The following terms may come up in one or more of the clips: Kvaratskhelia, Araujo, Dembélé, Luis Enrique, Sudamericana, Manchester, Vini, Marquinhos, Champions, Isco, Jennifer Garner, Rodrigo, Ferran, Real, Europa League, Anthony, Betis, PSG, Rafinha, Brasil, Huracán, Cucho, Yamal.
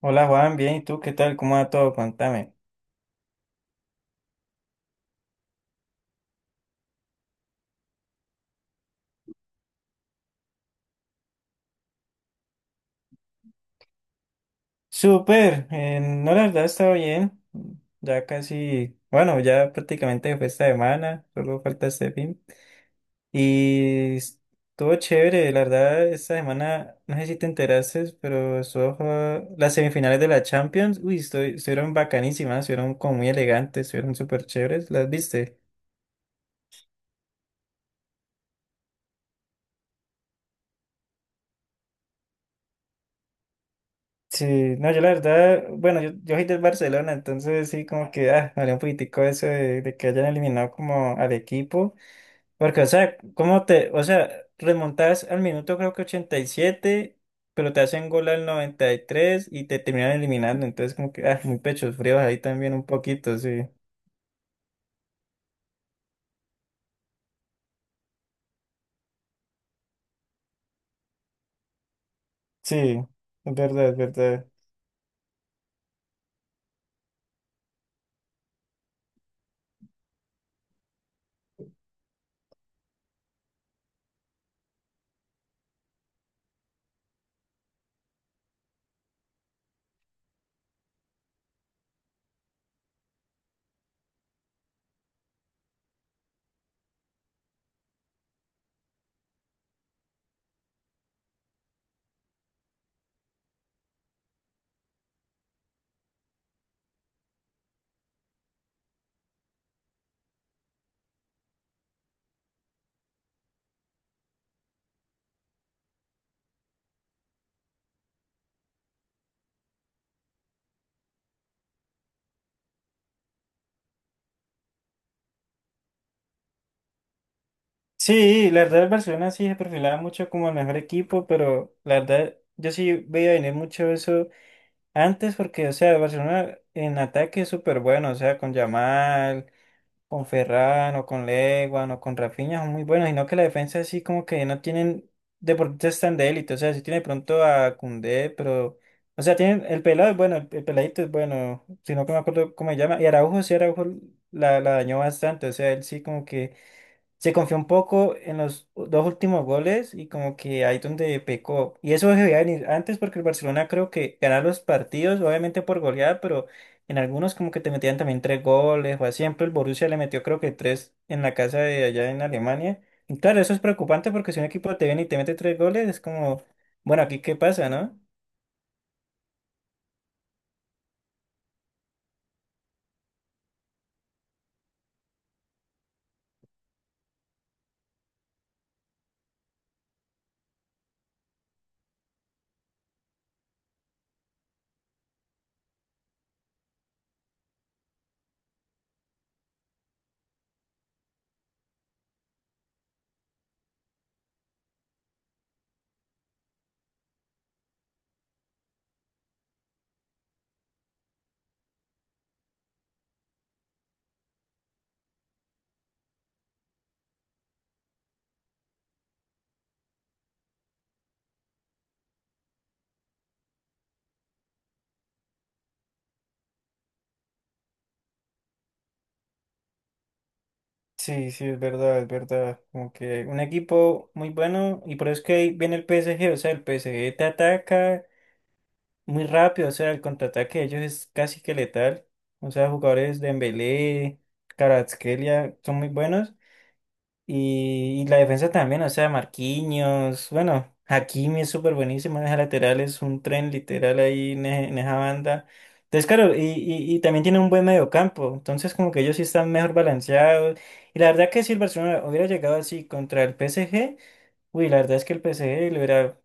Hola Juan, bien, ¿y tú qué tal? ¿Cómo va todo? Cuéntame. Súper, no, la verdad estaba bien, ya casi, bueno, ya prácticamente fue esta semana, solo falta este fin. Y estuvo chévere, la verdad, esta semana, no sé si te enteraste, pero estuvo, las semifinales de la Champions, uy, estuvieron bacanísimas, estuvieron como muy elegantes, estuvieron súper chéveres, ¿las viste? Sí, no, yo la verdad, bueno, yo soy del Barcelona, entonces sí, como que, ah, me dolió un poquitico eso de que hayan eliminado como al equipo, porque, o sea, ¿cómo te, o sea, remontás al minuto creo que 87, pero te hacen gol al 93 y tres y te terminan eliminando, entonces como que, ah, muy pechos fríos ahí también un poquito, sí, sí, es verdad, es verdad. Sí, la verdad el Barcelona sí se perfilaba mucho como el mejor equipo, pero la verdad yo sí veía venir mucho eso antes porque, o sea, el Barcelona en ataque es súper bueno, o sea, con Yamal, con Ferran, o con Leguan, o con Rafinha son muy buenos, sino que la defensa así como que no tienen deportistas tan de élite, o sea, sí tiene de pronto a Koundé, pero, o sea, tienen, el pelado es bueno, el peladito es bueno, sino que no me acuerdo cómo se llama, y Araujo, sí, Araujo la dañó bastante, o sea, él sí como que se confió un poco en los dos últimos goles y como que ahí donde pecó. Y eso debía venir antes porque el Barcelona creo que ganaba los partidos, obviamente por goleada, pero en algunos como que te metían también tres goles o así. Siempre el Borussia le metió creo que tres en la casa de allá en Alemania. Y claro, eso es preocupante porque si un equipo te viene y te mete tres goles es como, bueno, aquí qué pasa, ¿no? Sí, sí, es verdad, es verdad. Como que un equipo muy bueno y por eso es que ahí viene el PSG, o sea, el PSG te ataca muy rápido, o sea, el contraataque de ellos es casi que letal. O sea, jugadores de Dembélé, Kvaratskhelia son muy buenos. Y la defensa también, o sea, Marquinhos, bueno, Hakimi es súper buenísimo, esa lateral es un tren literal ahí en, en esa banda. Entonces, claro, y también tiene un buen mediocampo, entonces como que ellos sí están mejor balanceados. Y la verdad que si el Barcelona hubiera llegado así contra el PSG, uy, la verdad es que el PSG le hubiera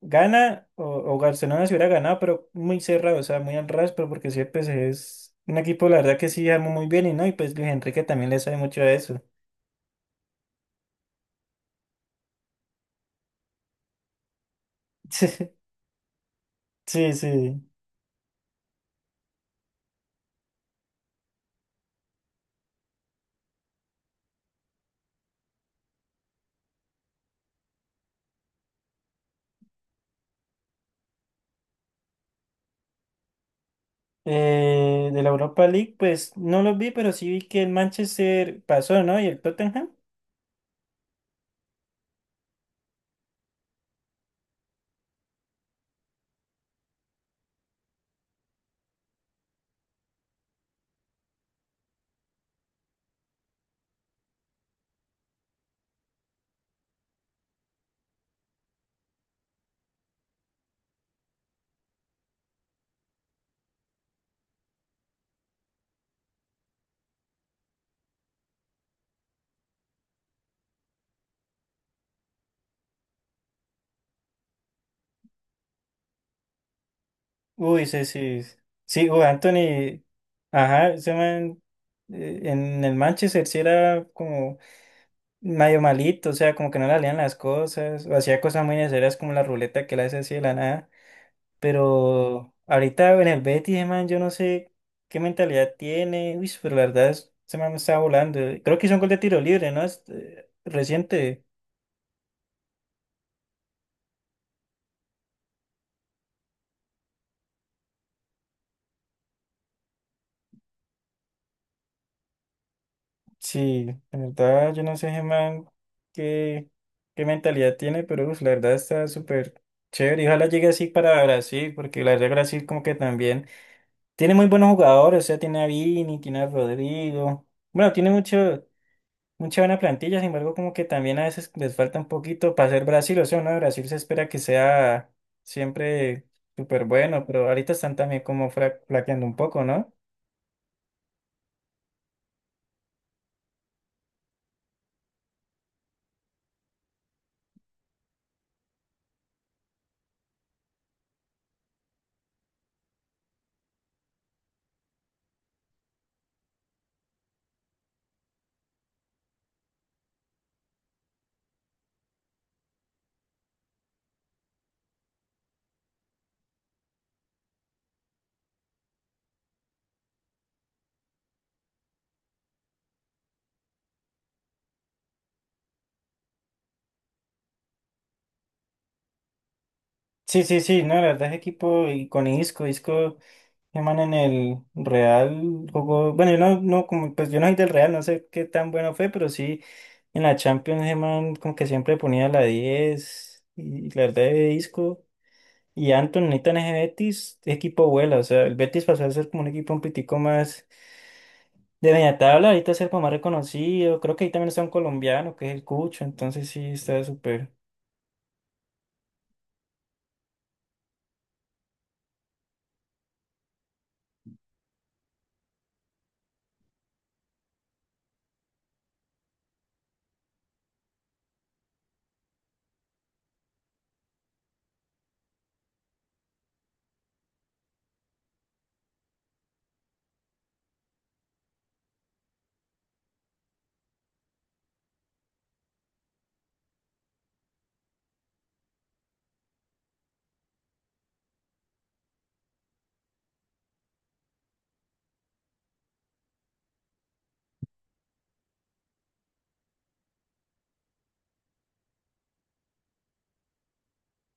gana o Barcelona se hubiera ganado, pero muy cerrado, o sea, muy al ras, pero porque sí, el PSG es un equipo, la verdad que sí armó muy bien y no, y pues Luis Enrique también le sabe mucho a eso. Sí, sí. De la Europa League, pues no los vi, pero sí vi que el Manchester pasó, ¿no? Y el Tottenham. Uy, sí, sí. Sí, uy, Anthony. Ajá, ese man, en el Manchester sí era como medio malito, o sea, como que no le salían las cosas, o hacía cosas muy necesarias como la ruleta que le hace así de la nada. Pero ahorita en el Betis, ese man, yo no sé qué mentalidad tiene. Uy, pero la verdad, ese man está volando. Creo que hizo un gol de tiro libre, ¿no? Es, reciente. Sí, la verdad, yo no sé, ese man, qué, qué mentalidad tiene, pero uf, la verdad está súper chévere. Y ojalá llegue así para Brasil, porque la verdad, Brasil, como que también tiene muy buenos jugadores. O sea, tiene a Vini, tiene a Rodrigo. Bueno, tiene mucho. Mucha buena plantilla, sin embargo, como que también a veces les falta un poquito para ser Brasil, o sea, ¿no? Brasil se espera que sea siempre súper bueno, pero ahorita están también como flaqueando un poco, ¿no? Sí, sí, sí, no, la verdad es equipo y con Isco, Isco, llaman en el Real, jugó, bueno, yo no, no, como, pues yo no soy del Real, no sé qué tan bueno fue, pero sí, en la Champions, Germán como que siempre ponía la 10 y la verdad de Isco. Y Anton Nathan en ese Betis, equipo vuela, o sea, el Betis pasó a ser como un equipo un pitico más de media tabla, ahorita es el como más reconocido, creo que ahí también está un colombiano, que es el Cucho, entonces sí, está súper,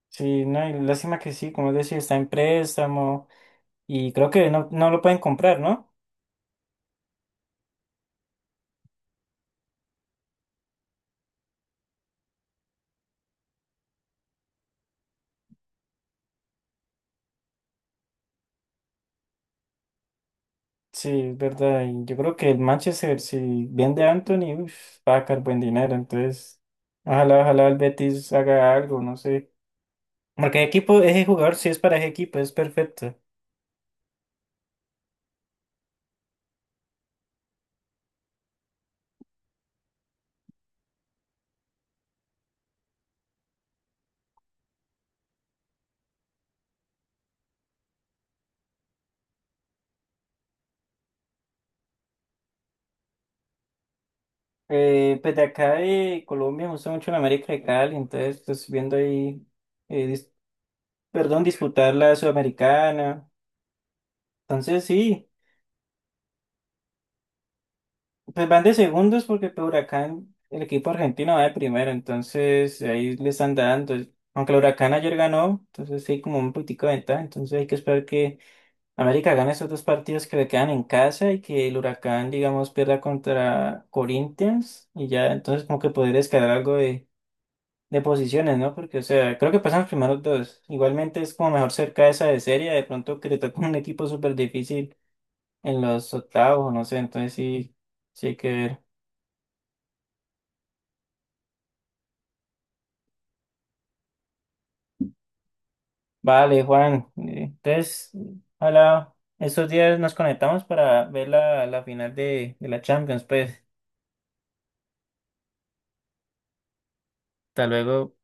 sí, no, y lástima que sí, como decía, está en préstamo, y creo que no, no lo pueden comprar, ¿no? Sí, es verdad, y yo creo que el Manchester, si vende a Anthony, uf, va a sacar buen dinero, entonces, ojalá, ojalá el Betis haga algo, no sé, porque el equipo, ese jugador sí es para ese equipo, es perfecto. Pues de acá de Colombia me gusta mucho la América de Cali, entonces pues viendo ahí, eh, dis- perdón, disputar la Sudamericana. Entonces sí, pues van de segundos porque por Huracán, el equipo argentino va de primero, entonces ahí le están dando. Aunque el Huracán ayer ganó, entonces sí, como un poquitico de ventaja, entonces hay que esperar que América gane esos dos partidos que le quedan en casa y que el Huracán, digamos, pierda contra Corinthians y ya, entonces como que poder escalar algo de posiciones, ¿no? Porque, o sea, creo que pasan los primeros dos. Igualmente es como mejor cerca esa de serie, de pronto que le toca un equipo súper difícil en los octavos, no sé, entonces sí, sí hay que ver. Vale, Juan, entonces, hola, estos días nos conectamos para ver la, la final de la Champions, pues, hasta luego.